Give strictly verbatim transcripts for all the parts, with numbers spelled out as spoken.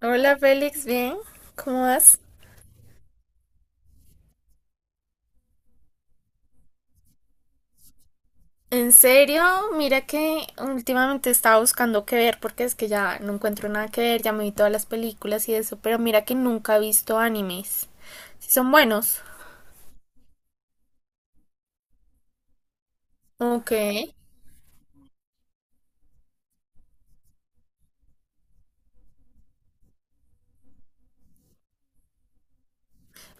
Hola Félix, ¿bien? ¿Cómo vas? En serio, mira que últimamente estaba buscando qué ver porque es que ya no encuentro nada que ver, ya me vi todas las películas y eso, pero mira que nunca he visto animes. Si son buenos. Ok.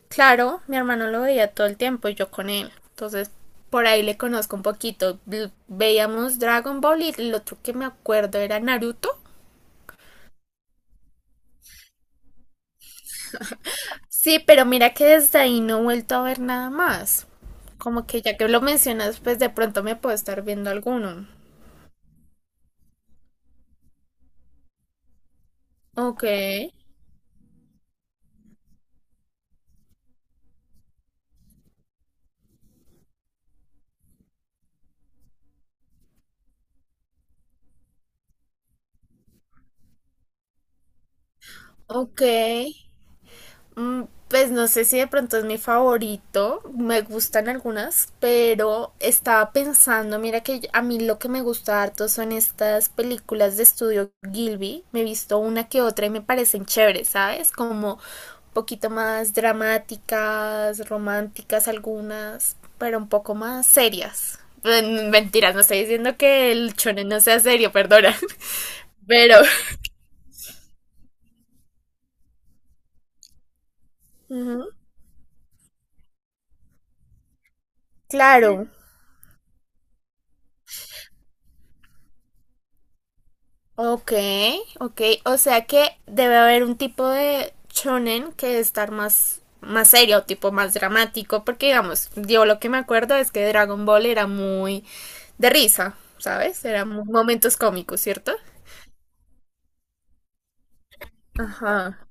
Claro, mi hermano lo veía todo el tiempo y yo con él. Entonces, por ahí le conozco un poquito. L- Veíamos Dragon Ball y el otro que me acuerdo era Naruto. Sí, pero mira que desde ahí no he vuelto a ver nada más. Como que ya que lo mencionas, pues de pronto me puedo estar viendo alguno. Ok, ok. Mm, Pues no sé si de pronto es mi favorito, me gustan algunas, pero estaba pensando, mira que a mí lo que me gusta harto son estas películas de estudio Gilby, me he visto una que otra y me parecen chéveres, ¿sabes? Como un poquito más dramáticas, románticas algunas, pero un poco más serias. Mm, Mentiras, no estoy diciendo que el shonen no sea serio, perdona, pero... Ujú, claro. Ok, ok. O sea que debe haber un tipo de shonen que debe estar más, más serio, tipo más dramático, porque digamos, yo lo que me acuerdo es que Dragon Ball era muy de risa, ¿sabes? Eran mo- momentos cómicos, ¿cierto? Ajá,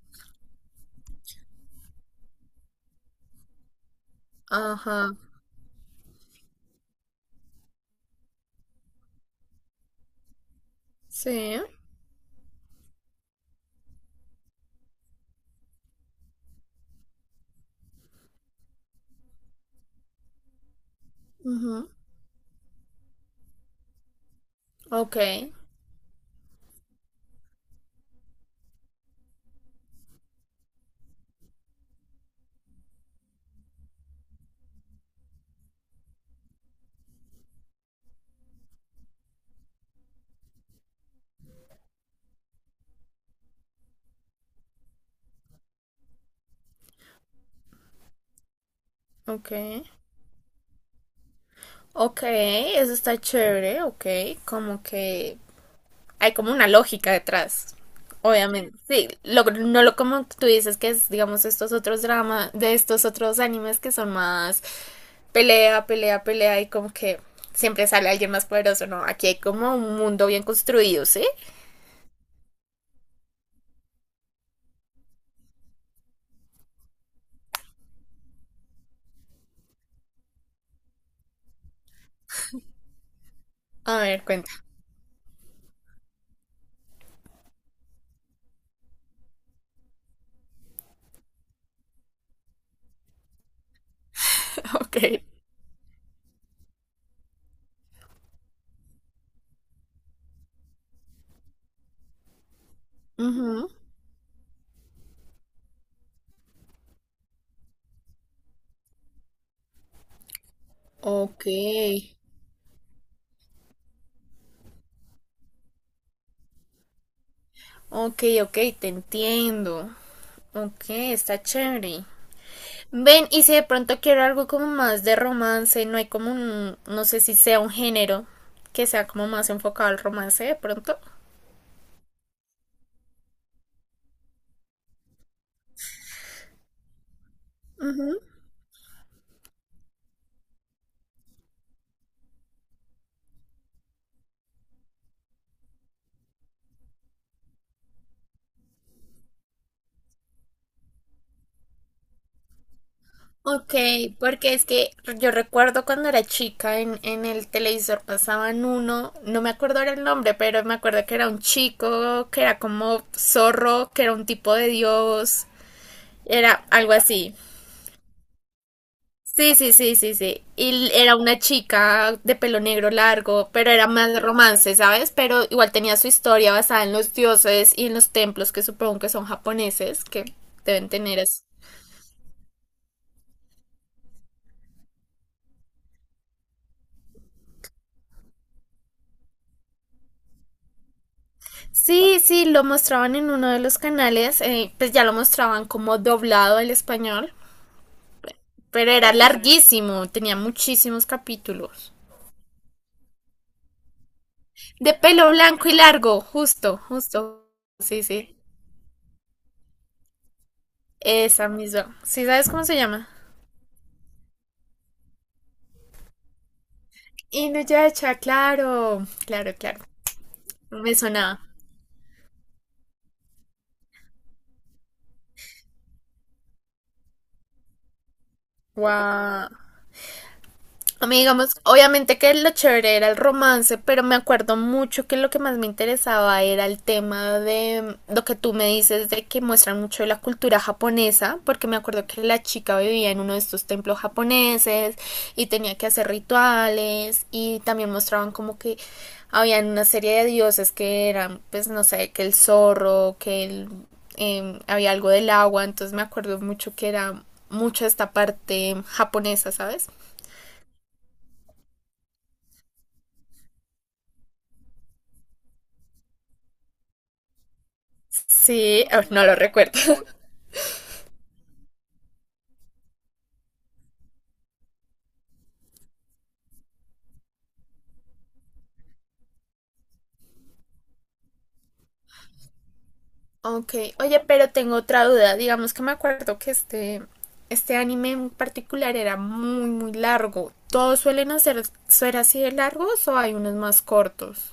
ajá, sí. Ujú. Ok, ok. Ok, eso está chévere, ok. Como que hay como una lógica detrás. Obviamente, sí, lo- no lo como tú dices que es, digamos, estos otros dramas, de estos otros animes que son más pelea, pelea, pelea y como que siempre sale alguien más poderoso, ¿no? Aquí hay como un mundo bien construido, ¿sí? A ver, cuenta. Ok. Ujú. Ok. Ok, ok, te entiendo. Ok, está chévere. Ven, y si de pronto quiero algo como más de romance, no hay como un, no sé si sea un género que sea como más enfocado al romance de pronto. Ujú. Ok, porque es que yo recuerdo cuando era chica en, en el televisor pasaban uno, no me acuerdo ahora el nombre, pero me acuerdo que era un chico, que era como zorro, que era un tipo de dios, era algo así. Sí, sí, sí, sí, sí. Y era una chica de pelo negro largo, pero era más romance, ¿sabes? Pero igual tenía su historia basada en los dioses y en los templos que supongo que son japoneses, que deben tener eso. Sí, sí, lo mostraban en uno de los canales, eh, pues ya lo mostraban como doblado al español, pero era larguísimo, tenía muchísimos capítulos. De pelo blanco y largo, justo, justo. Sí, sí. Esa misma. ¿Sí sabes cómo se llama? Inuyasha, claro, claro, claro. No me sonaba. Guau. A mí, digamos, obviamente que lo chévere era el romance, pero me acuerdo mucho que lo que más me interesaba era el tema de lo que tú me dices de que muestran mucho de la cultura japonesa, porque me acuerdo que la chica vivía en uno de estos templos japoneses y tenía que hacer rituales y también mostraban como que habían una serie de dioses que eran, pues no sé, que el zorro, que el, em, había algo del agua, entonces me acuerdo mucho que era mucho esta parte japonesa, ¿sabes? Sí, oh, no lo recuerdo. Ok, oye, pero tengo otra duda. Digamos que me acuerdo que este, este anime en particular era muy, muy largo. ¿Todos suelen hacer, ser así de largos o hay unos más cortos?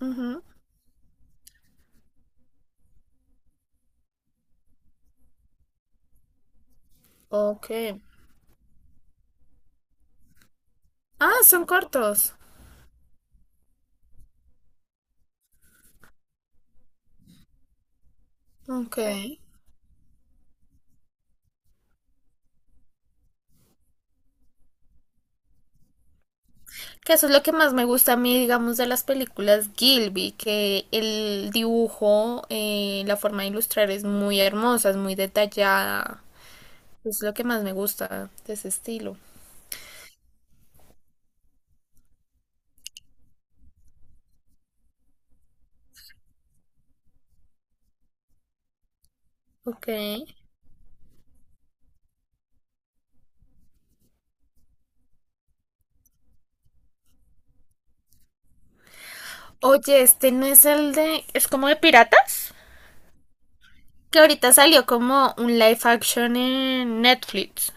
Ujú, ok. Ah, son cortos. Ok. Que eso es lo que más me gusta a mí, digamos, de las películas Gilby, que el dibujo, eh, la forma de ilustrar es muy hermosa, es muy detallada. Es lo que más me gusta de ese estilo. Ok. Oye, este no es el de... ¿Es como de piratas? Que ahorita salió como un live action en Netflix.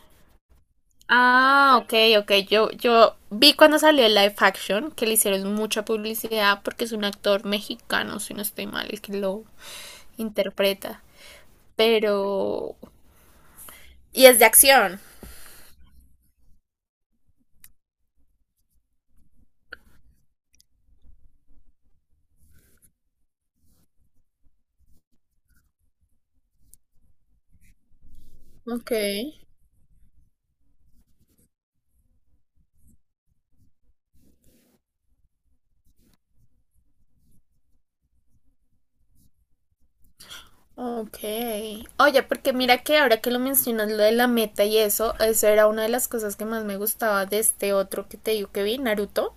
Ah, ok, ok. Yo, yo vi cuando salió el live action que le hicieron mucha publicidad porque es un actor mexicano, si no estoy mal, el que lo interpreta. Pero... Y es de acción. Ok. Ok. Oye, porque mira que ahora que lo mencionas, lo de la meta y eso, eso era una de las cosas que más me gustaba de este otro que te digo que vi, Naruto.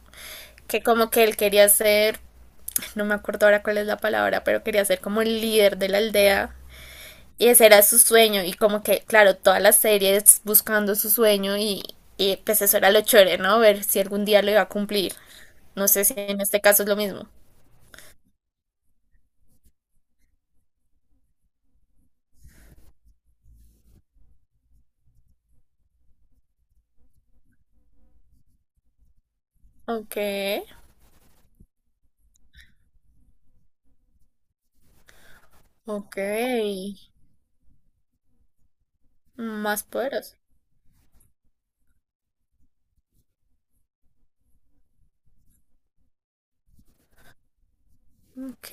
Que como que él quería ser, no me acuerdo ahora cuál es la palabra, pero quería ser como el líder de la aldea y ese era su sueño y como que, claro, toda la serie es buscando su sueño y, y pues eso era lo chévere, ¿no? Ver si algún día lo iba a cumplir. No sé si en este caso es lo mismo. Ok, ok, más poderoso. Ok.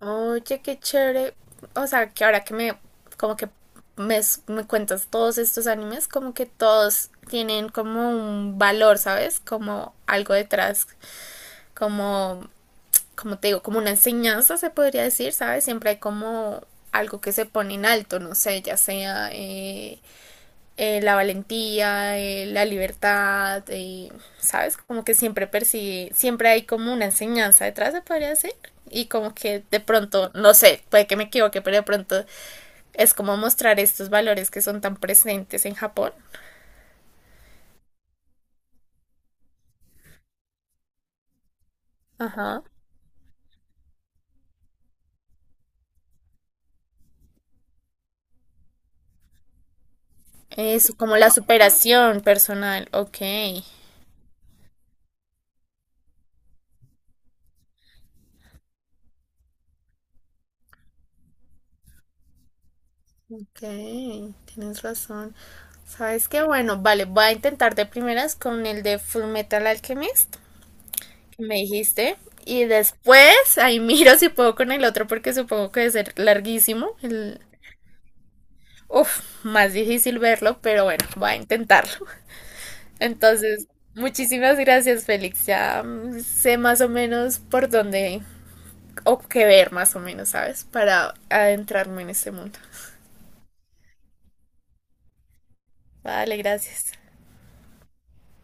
Oye, qué chévere. O sea, que ahora que me, como que me, s- me cuentas todos estos animes, como que todos tienen como un valor, ¿sabes? Como algo detrás, como, como te digo, como una enseñanza se podría decir, ¿sabes? Siempre hay como algo que se pone en alto, no sé, ya sea eh, eh, la valentía, eh, la libertad, eh, ¿sabes? Como que siempre persigue, siempre hay como una enseñanza detrás, se podría decir. Y como que de pronto, no sé, puede que me equivoque, pero de pronto es como mostrar estos valores que son tan presentes en Japón. Ajá. Es como la superación personal. Ok. Ok, tienes razón. ¿Sabes qué? Bueno, vale, voy a intentar de primeras con el de Full Metal Alchemist. Me dijiste. Y después ahí miro si puedo con el otro porque supongo que debe ser larguísimo. El... Uf, más difícil verlo, pero bueno, voy a intentarlo. Entonces, muchísimas gracias, Félix. Ya mm, sé más o menos por dónde o qué ver más o menos, ¿sabes? Para adentrarme en este mundo. Vale, gracias.